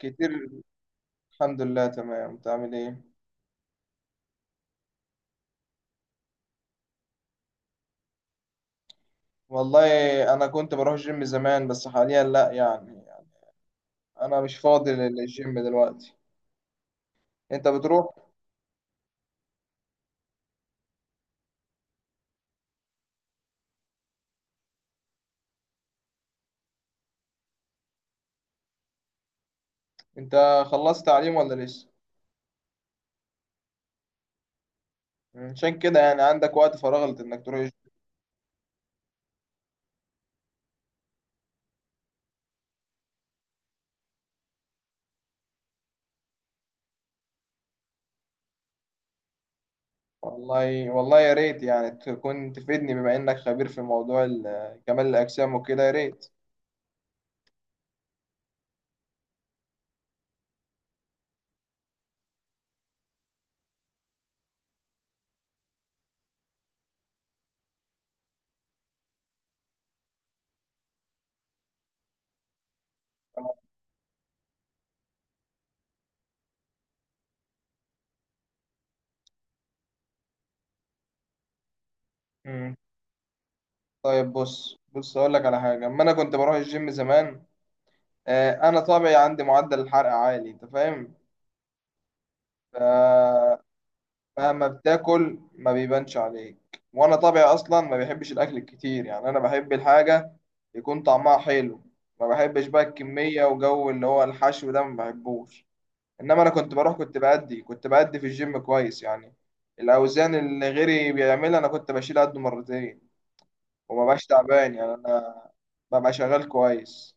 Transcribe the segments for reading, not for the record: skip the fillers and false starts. كتير. الحمد لله، تمام. انت عامل ايه؟ والله. انا كنت بروح جيم زمان بس حاليا لا يعني. انا مش فاضي للجيم دلوقتي. انت بتروح؟ انت خلصت تعليم ولا لسه؟ عشان كده يعني عندك وقت فراغ انك تروح الجيم. والله والله، يا ريت يعني تكون تفيدني بما انك خبير في موضوع كمال الاجسام وكده، يا ريت. مم. طيب، بص بص، اقول لك على حاجه اما انا كنت بروح الجيم زمان. آه، انا طبعي عندي معدل الحرق عالي، انت فاهم. مهما بتاكل ما بيبانش عليك، وانا طبيعي اصلا ما بيحبش الاكل الكتير، يعني انا بحب الحاجه يكون طعمها حلو. ما بحبش بقى الكميه وجو اللي هو الحشو ده، ما بحبوش. انما انا كنت بروح، كنت بأدي في الجيم كويس يعني. الاوزان اللي غيري بيعملها انا كنت بشيل قده مرتين، وما بقاش تعبان يعني، انا ببقى شغال كويس.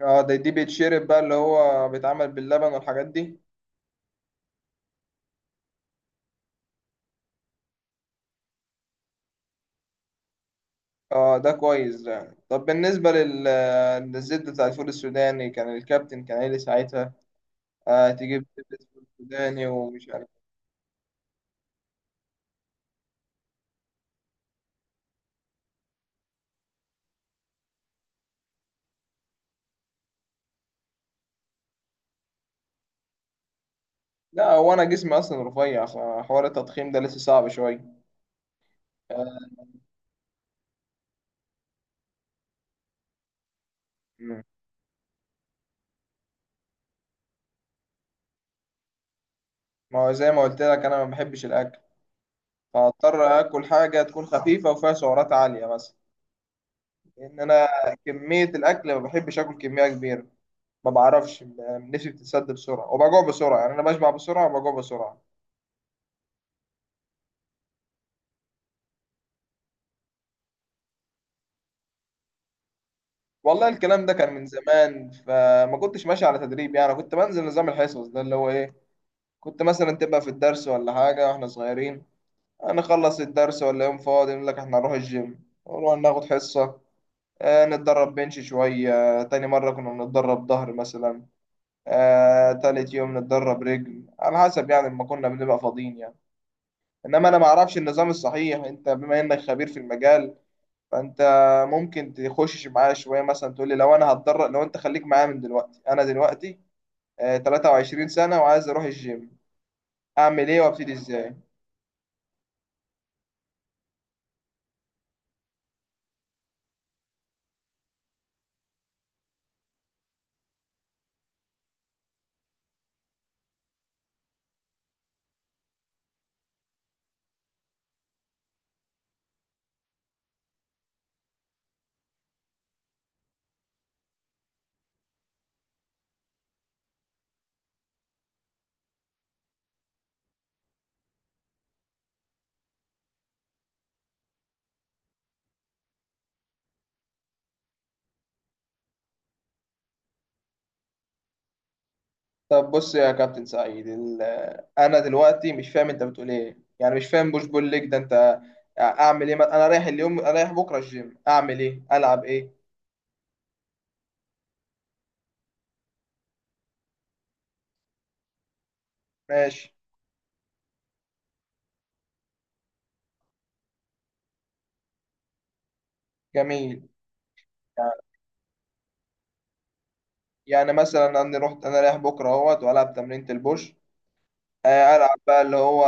اه، دي بيتشرب بقى، اللي هو بيتعمل باللبن والحاجات دي. اه، ده كويس ده يعني. طب بالنسبة للزبدة بتاع الفول السوداني، كان الكابتن كان قايل لي ساعتها آه، تجيب زبدة فول سوداني ومش عارف. لا، هو أنا جسمي أصلا رفيع، فحوار التضخيم ده لسه صعب شوية. آه. مم. ما هو زي ما قلت لك، أنا ما بحبش الأكل، فهضطر آكل حاجة تكون خفيفة وفيها سعرات عالية مثلا. لأن أنا كمية الأكل ما بحبش آكل كمية كبيرة. ما بعرفش، نفسي بتتسد بسرعة وبجوع بسرعة، يعني أنا بشبع بسرعة وبجوع بسرعة. والله الكلام ده كان من زمان، فما كنتش ماشي على تدريب يعني، كنت بنزل نظام الحصص ده اللي هو ايه. كنت مثلا تبقى في الدرس ولا حاجة واحنا صغيرين، هنخلص الدرس ولا يوم فاضي نقول لك احنا هنروح الجيم، نروح ناخد حصة، آه نتدرب بنش شوية. تاني مرة كنا بنتدرب ظهر مثلا، آه تالت يوم نتدرب رجل، على حسب يعني، ما كنا بنبقى فاضيين يعني. انما انا ما اعرفش النظام الصحيح، انت بما انك خبير في المجال، فانت ممكن تخش معايا شويه مثلا تقول لي لو انا هتدرب. لو انت خليك معايا من دلوقتي، انا دلوقتي آه، 23 سنه وعايز اروح الجيم، اعمل ايه وابتدي ازاي؟ طب بص يا كابتن سعيد، انا دلوقتي مش فاهم انت بتقول ايه، يعني مش فاهم بوش بول ليج ده. انت آه، اعمل ايه؟ انا رايح اليوم، أنا رايح بكره الجيم، اعمل ايه؟ العب ايه؟ ماشي. جميل. يعني يعني مثلا انا رايح بكره اهوت والعب تمرينة البوش، آه، ألعب بقى اللي هو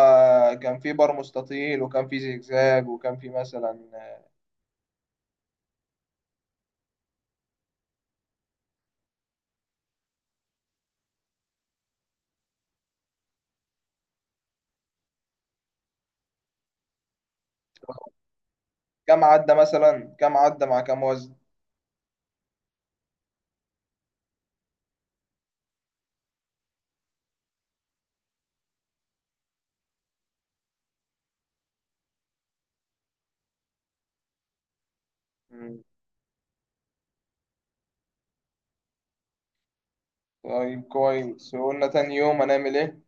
كان في بار مستطيل، وكان في زجزاج، وكان في مثلا. كام عدى مثلا، كام عدى مع كام وزن؟ مم. طيب كويس. وقلنا تاني يوم هنعمل ايه؟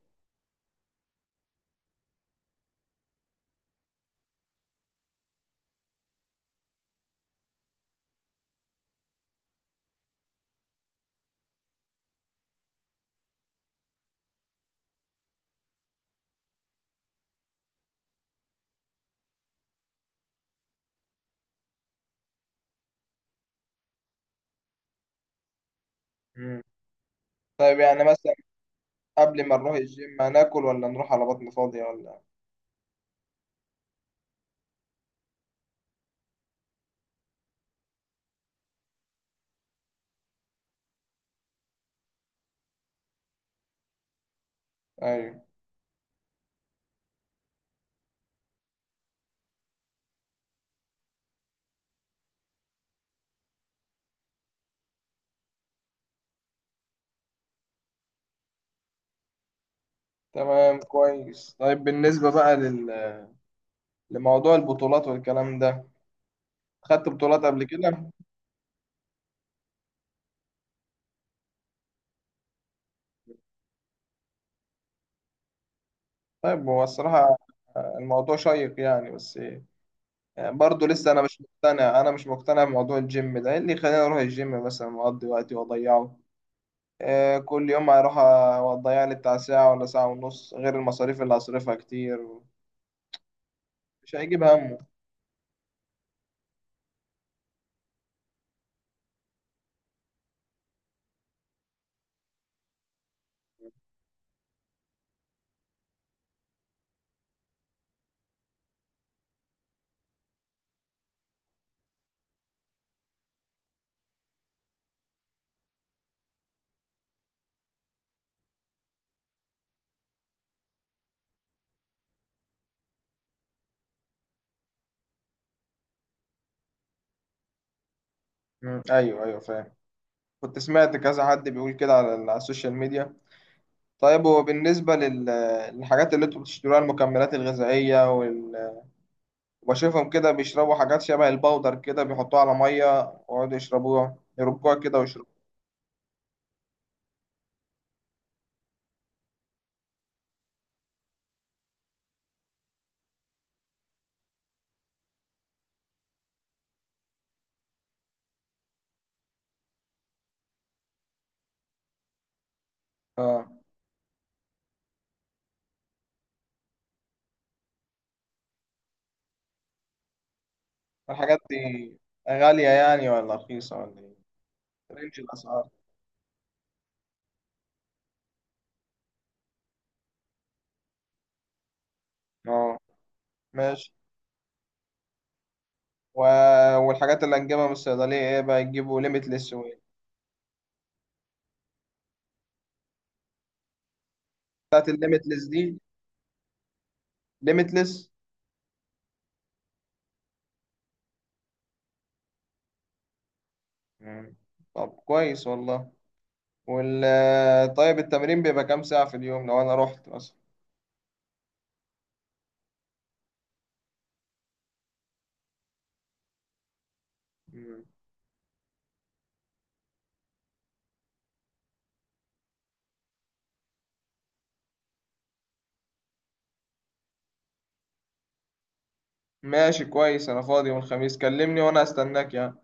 مم. طيب يعني مثلا قبل ما نروح الجيم هناكل ولا نروح على بطن فاضية ولا؟ ايوه. تمام كويس. طيب بالنسبة بقى لموضوع البطولات والكلام ده، خدت بطولات قبل كده؟ طيب هو الصراحة آه، الموضوع شيق يعني، بس برضه لسه انا مش مقتنع. انا مش مقتنع بموضوع الجيم ده، إيه اللي يخليني اروح الجيم مثلا واقضي وقتي واضيعه؟ آه، كل يوم هروح واضيع لي بتاع ساعة ولا ساعة ونص، غير المصاريف اللي هصرفها كتير، مش هيجيب همه. مم. ايوه ايوه، فاهم. كنت سمعت كذا حد بيقول كده على على السوشيال ميديا. طيب هو بالنسبة للحاجات اللي انتوا بتشتروها، المكملات الغذائية وبشوفهم كده بيشربوا حاجات شبه البودر كده، بيحطوها على مية ويقعدوا يشربوها، يربوها كده ويشربوها. الحاجات دي غالية يعني ولا رخيصة ولا ايه؟ رينج الأسعار. اه. ماشي. و... والحاجات اللي هنجيبها من الصيدلية ايه بقى؟ يجيبوا ليميتلس و إيه؟ بتاعت الليميتلس دي. ليميتلس. مم. طب كويس والله. وال طيب التمرين بيبقى كام ساعة في اليوم لو أنا رحت مثلا؟ مم. ماشي كويس. أنا فاضي يوم الخميس، كلمني وأنا هستناك يعني.